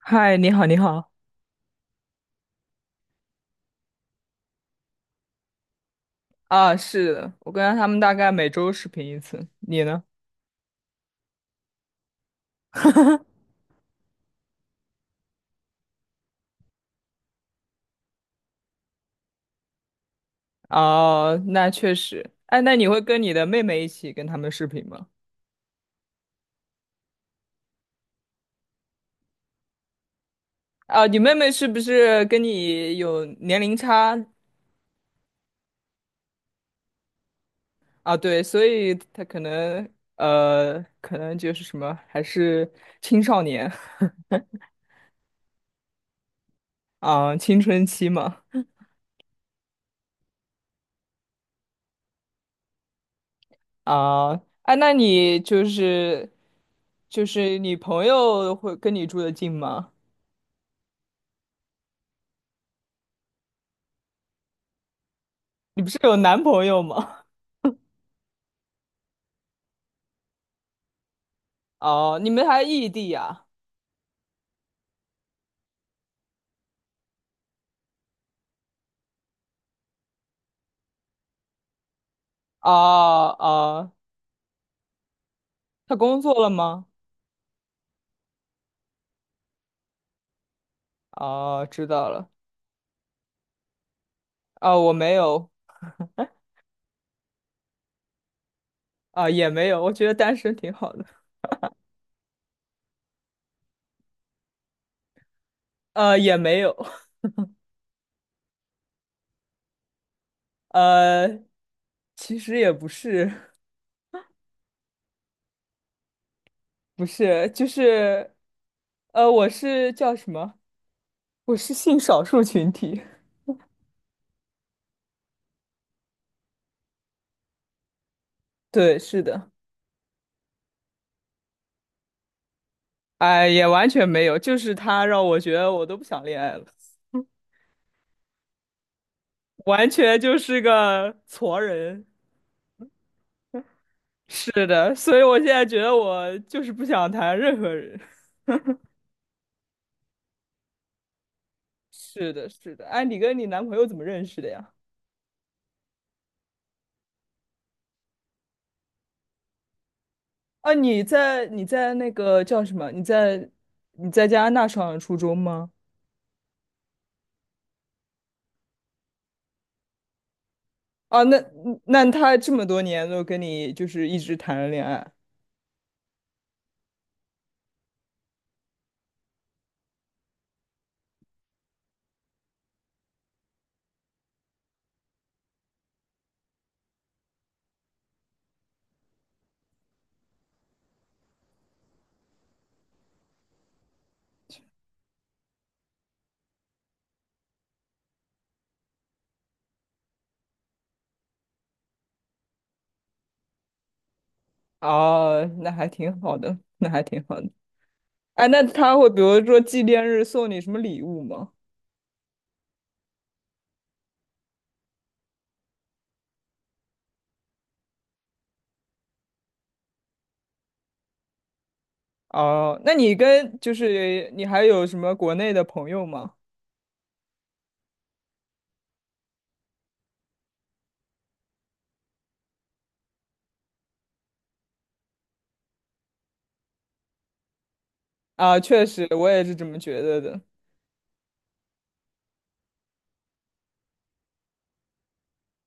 嗨，你好，你好。啊，是的，我跟他们大概每周视频一次。你呢？哦，那确实。哎，那你会跟你的妹妹一起跟他们视频吗？啊，你妹妹是不是跟你有年龄差？啊，对，所以她可能就是什么，还是青少年 啊，青春期嘛。啊，哎，那你就是你朋友会跟你住的近吗？你不是有男朋友吗？哦，你们还异地呀？啊啊，哦他工作了吗？哦，知道了。啊，我没有，啊，也没有，我觉得单身挺好的。也没有，呃，其实也不是，不是，就是，我是叫什么？我是性少数群体。对，是的，哎，也完全没有，就是他让我觉得我都不想恋爱了，完全就是个矬人。是的，所以我现在觉得我就是不想谈任何人。是的，是的。哎，你跟你男朋友怎么认识的呀？啊，你在那个叫什么？你在加拿大上的初中吗？啊，那他这么多年都跟你就是一直谈着恋爱，哦，那还挺好的，那还挺好的。哎，那他会比如说纪念日送你什么礼物吗？哦，那就是你还有什么国内的朋友吗？啊，确实，我也是这么觉得的。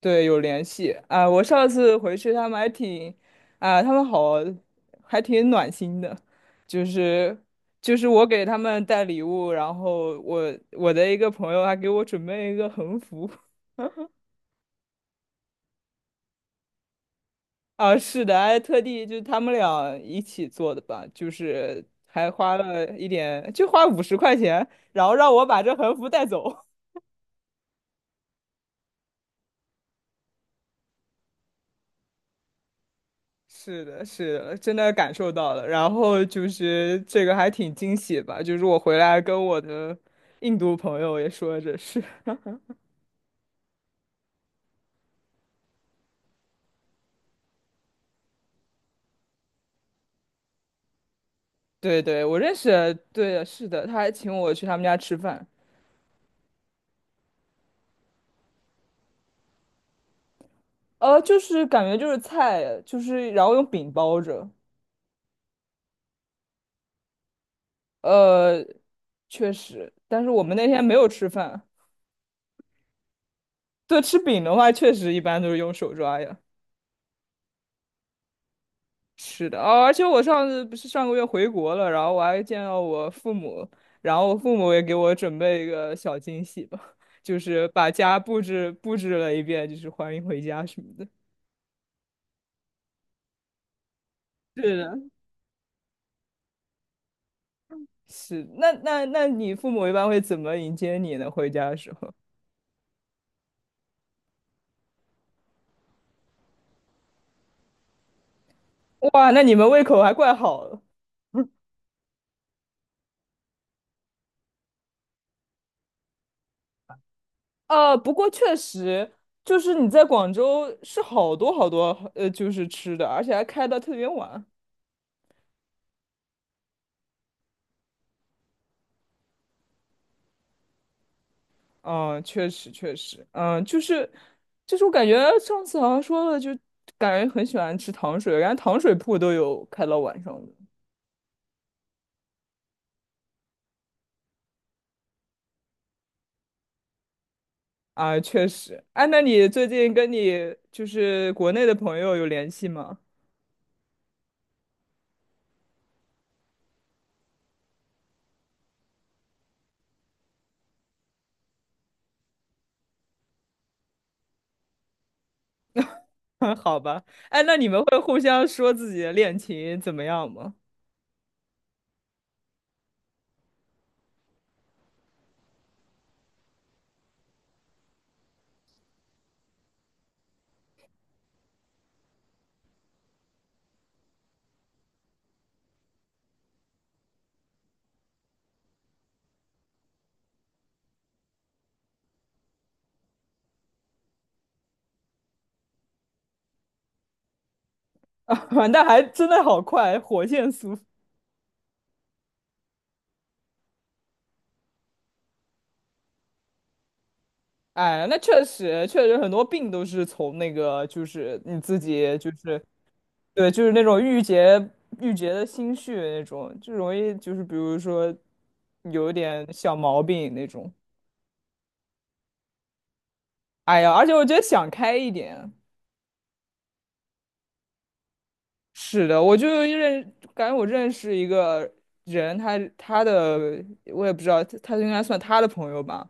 对，有联系啊！我上次回去，他们还挺啊，他们好，还挺暖心的，就是我给他们带礼物，然后我的一个朋友还给我准备一个横幅 啊，是的，还特地就是他们俩一起做的吧，就是还花了一点，就花50块钱，然后让我把这横幅带走。是的，是的，真的感受到了。然后就是这个还挺惊喜吧，就是我回来跟我的印度朋友也说这事。对对，我认识的对的是的，他还请我去他们家吃饭。就是感觉就是菜，就是然后用饼包着。呃，确实，但是我们那天没有吃饭。对，吃饼的话，确实一般都是用手抓呀。是的，哦，而且我上次不是上个月回国了，然后我还见到我父母，然后我父母也给我准备一个小惊喜吧，就是把家布置布置了一遍，就是欢迎回家什么的。是的。是，那你父母一般会怎么迎接你呢？回家的时候？哇，那你们胃口还怪好了。不过确实，就是你在广州是好多好多就是吃的，而且还开到特别晚。嗯，确实确实，嗯，就是我感觉上次好像说了，就感觉很喜欢吃糖水，然后糖水铺都有开到晚上的啊，确实。哎，那你最近跟就是国内的朋友有联系吗？好吧，哎，那你们会互相说自己的恋情怎么样吗？啊，那还真的好快，火线速。哎，那确实很多病都是从那个，就是你自己，就是对，就是那种郁结的心绪那种，就容易就是比如说有一点小毛病那种。哎呀，而且我觉得想开一点。是的，我就认，感觉我认识一个人，他的我也不知道，他应该算他的朋友吧，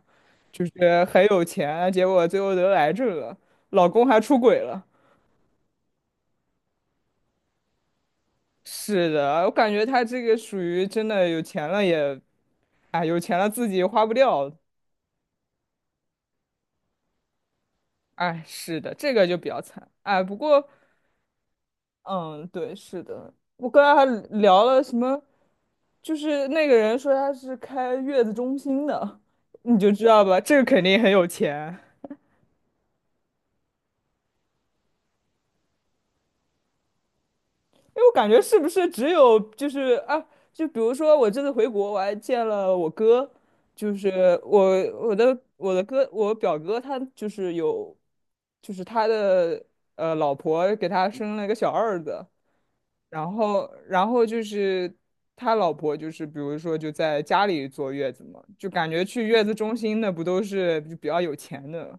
就是很有钱，结果最后得癌症了，老公还出轨了。是的，我感觉他这个属于真的有钱了也，哎，有钱了自己花不掉，哎，是的，这个就比较惨。哎，不过，嗯，对，是的，我刚才还聊了什么，就是那个人说他是开月子中心的，你就知道吧，这个肯定很有钱。因为我感觉是不是只有就是啊，就比如说我这次回国，我还见了我哥，就是我我的哥，我表哥他就是有，就是他的老婆给他生了一个小儿子。然后就是他老婆，就是比如说就在家里坐月子嘛，就感觉去月子中心的不都是就比较有钱的？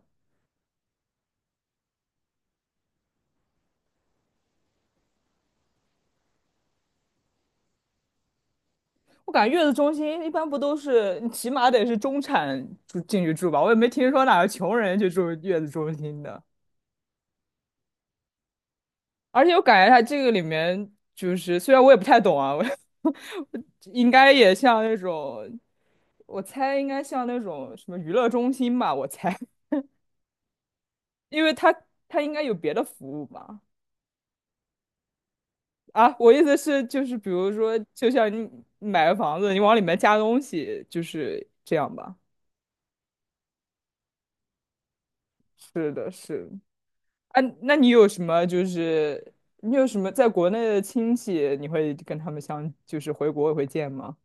我感觉月子中心一般不都是你起码得是中产住进去住吧？我也没听说哪个穷人去住月子中心的。而且我感觉他这个里面就是，虽然我也不太懂啊，我 应该也像那种，我猜应该像那种什么娱乐中心吧，我猜，因为他应该有别的服务吧。啊，我意思是，就是比如说，就像你买个房子，你往里面加东西，就是这样吧。是的，是。啊，那你有什么在国内的亲戚，你会跟他们相，就是回国会见吗？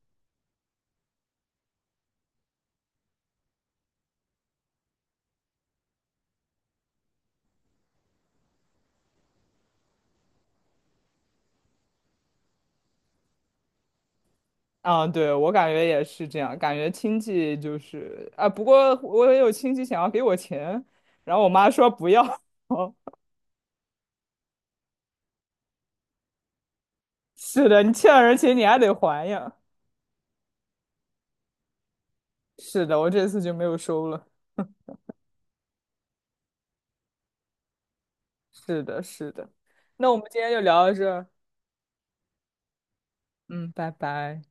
啊，对，我感觉也是这样，感觉亲戚就是啊，不过我也有亲戚想要给我钱，然后我妈说不要。是的，你欠了人钱，你还得还呀。是的，我这次就没有收了。是的，是的。那我们今天就聊到这儿。嗯，拜拜。